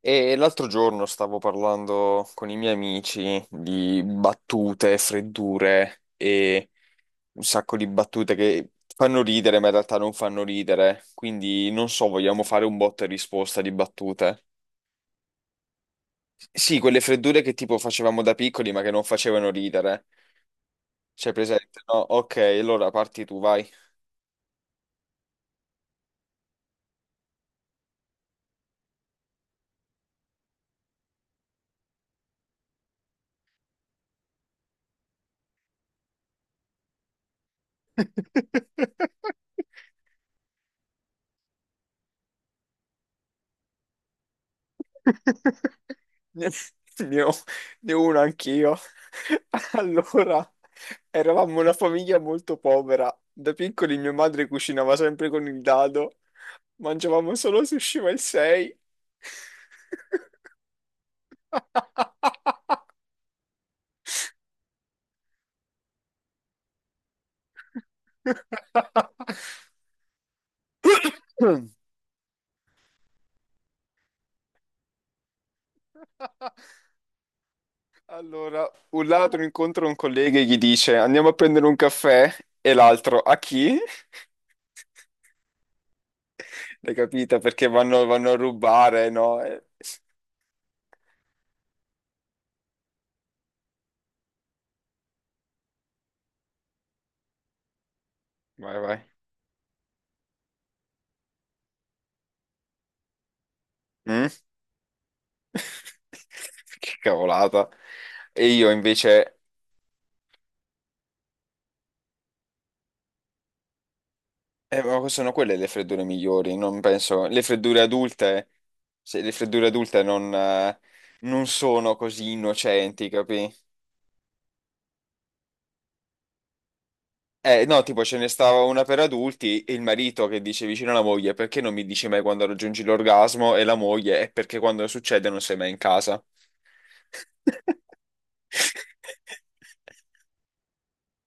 E l'altro giorno stavo parlando con i miei amici di battute, freddure e un sacco di battute che fanno ridere, ma in realtà non fanno ridere. Quindi non so, vogliamo fare un botta e risposta di battute. Sì, quelle freddure che tipo facevamo da piccoli, ma che non facevano ridere. C'è presente? No, ok, allora parti tu, vai. Ne, ne ho, ne ho uno anch'io. Allora, eravamo una famiglia molto povera. Da piccoli mia madre cucinava sempre con il dado. Mangiavamo solo sushi ma il 6. Allora, un ladro incontra un collega e gli dice andiamo a prendere un caffè e l'altro a chi? L'hai capita? Perché vanno a rubare, no? E- Vai, vai. Mm? Che cavolata. E io invece... ma sono quelle le freddure migliori, non penso... Le freddure adulte... se le freddure adulte non, non sono così innocenti, capi? No, tipo ce ne stava una per adulti e il marito che dice vicino alla moglie perché non mi dici mai quando raggiungi l'orgasmo e la moglie è perché quando succede non sei mai in casa.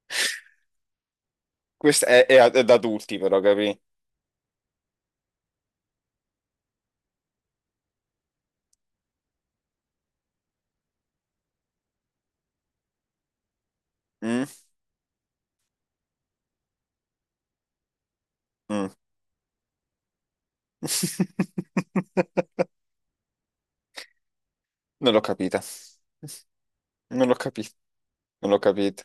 Questo è, è ad adulti, però, capì? Mm? Mm. Non l'ho capita. Non l'ho capita. Non l'ho capita.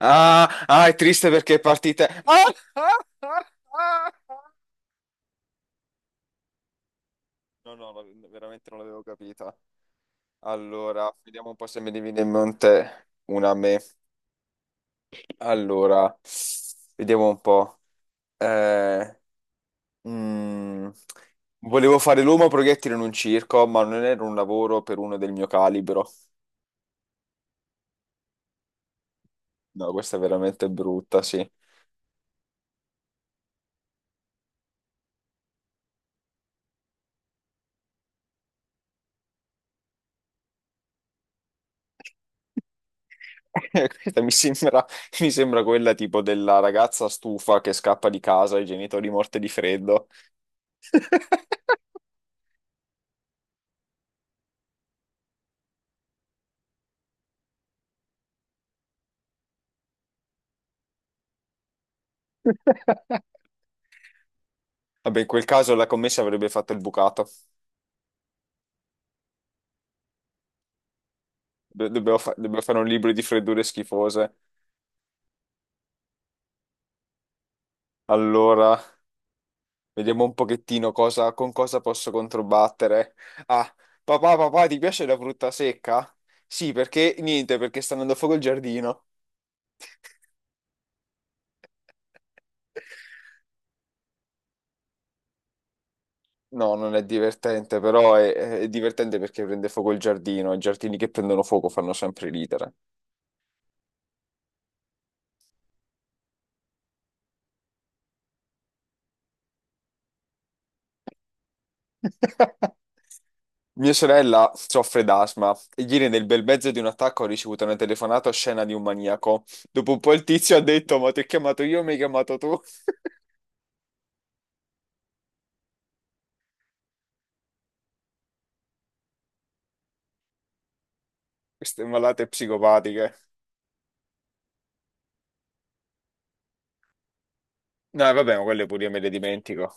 Ah, ah, è triste perché è partita. Ah, ah, ah, ah. No, no, la- veramente non l'avevo capita. Allora, vediamo un po' se mi viene in mente una a me. Allora, vediamo un po'. Eh, mm, volevo fare l'uomo proiettile in un circo, ma non era un lavoro per uno del mio calibro. No, questa è veramente brutta, sì. Questa mi sembra, mi sembra quella tipo della ragazza stufa che scappa di casa, i genitori morti di freddo. Vabbè, in quel caso la commessa avrebbe fatto il bucato. Dobbiamo fare un libro di freddure schifose. Allora, vediamo un pochettino cosa- con cosa posso controbattere. Ah, papà, papà, ti piace la frutta secca? Sì, perché niente, perché sta andando a fuoco il giardino. No, non è divertente, è divertente perché prende fuoco il giardino. I giardini che prendono fuoco fanno sempre ridere. Mia sorella soffre d'asma e ieri nel bel mezzo di un attacco ho ricevuto una telefonata oscena di un maniaco. Dopo un po' il tizio ha detto, ma ti ho chiamato io, mi hai chiamato tu. Queste malate psicopatiche. No, vabbè, ma quelle pure io me le dimentico.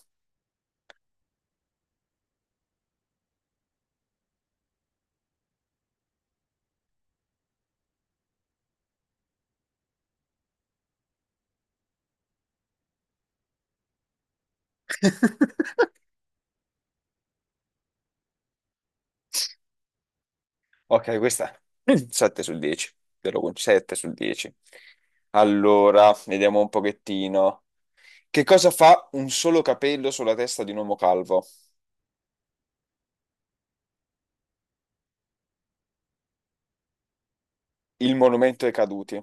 Ok, questa 7 su 10, te lo concedo 7 su 10. Allora, vediamo un pochettino. Che cosa fa un solo capello sulla testa di un uomo calvo? Il monumento ai caduti.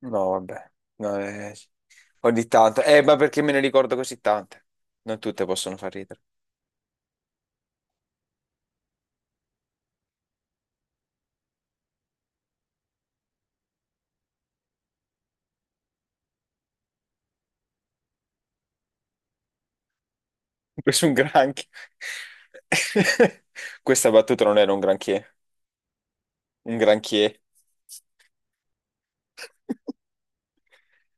No, vabbè. No, ogni tanto. Ma perché me ne ricordo così tante? Non tutte possono far ridere. Questo è un granchio. Questa battuta non era un granché, un granché.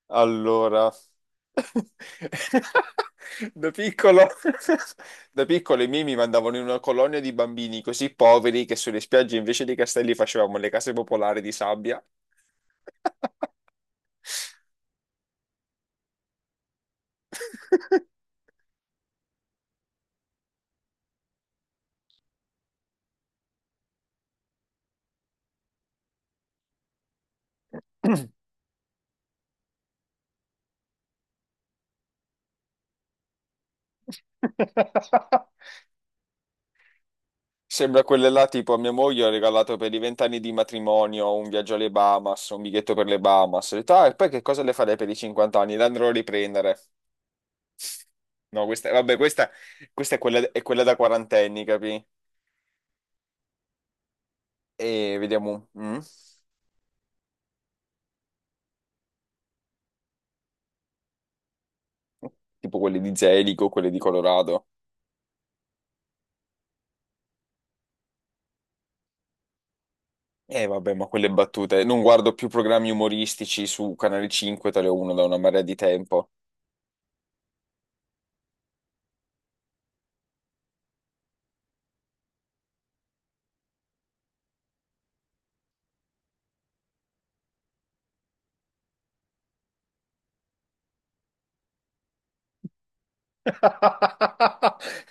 Allora, da piccolo, da piccolo i miei mi mandavano in una colonia di bambini così poveri che sulle spiagge invece dei castelli facevamo le case popolari di sabbia. Sembra quelle là, tipo a mia moglie ho regalato per i vent'anni di matrimonio un viaggio alle Bahamas, un biglietto per le Bahamas. Ho detto, "Ah, e poi che cosa le farei per i 50 anni? Le andrò a riprendere." No, questa, vabbè, questa è quella da quarantenni, capi? E vediamo, mm? Tipo quelle di Zelico, quelle di Colorado. E vabbè, ma quelle battute. Non guardo più programmi umoristici su Canale 5, tale uno da una marea di tempo.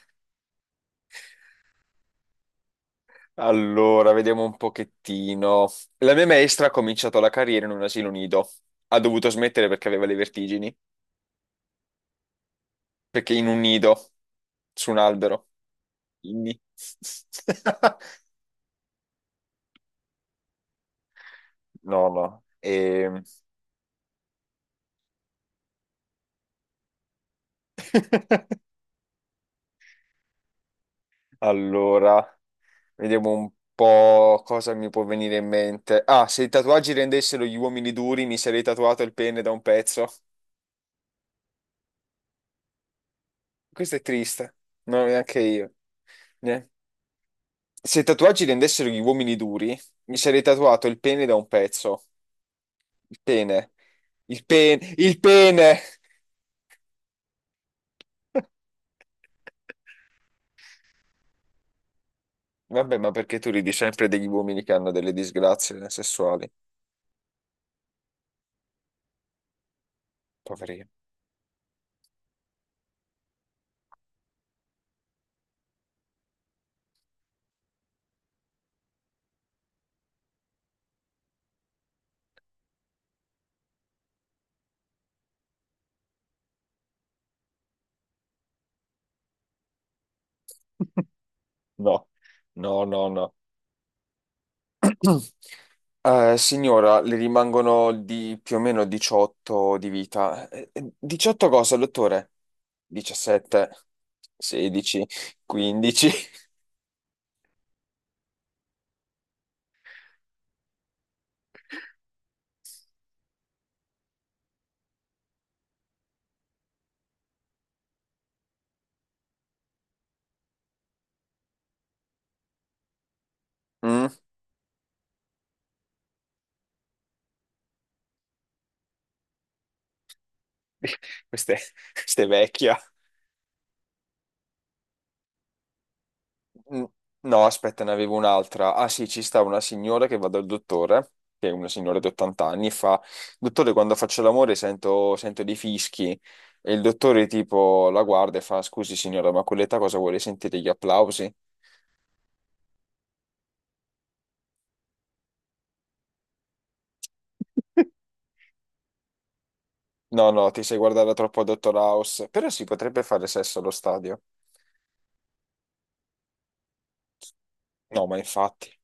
Allora, vediamo un pochettino. La mia maestra ha cominciato la carriera in un asilo nido. Ha dovuto smettere perché aveva le vertigini. Perché in un nido, su un albero. Quindi... No, no. E... Allora, vediamo un po' cosa mi può venire in mente. Ah, se i tatuaggi rendessero gli uomini duri, mi sarei tatuato il pene da un pezzo. Questo è triste. No, neanche io. Ne- Se i tatuaggi rendessero gli uomini duri, mi sarei tatuato il pene da un pezzo. Il pene. Il pene. Il pene! Vabbè, ma perché tu ridi sempre degli uomini che hanno delle disgrazie sessuali? Poverino. No, no, no, no. Signora, le rimangono di più o meno 18 di vita. 18 cosa, dottore? 17, 16, 15. Mm? Questa è, questa è vecchia. Mm. No, aspetta, ne avevo un'altra. Ah sì, ci sta una signora che va dal dottore, che è una signora di 80 anni, e fa, dottore, quando faccio l'amore sento dei fischi. E il dottore tipo la guarda e fa, scusi signora, ma a quell'età cosa vuole sentire gli applausi? No, no, ti sei guardata troppo a Dottor House, però si potrebbe fare sesso allo stadio. No, ma infatti.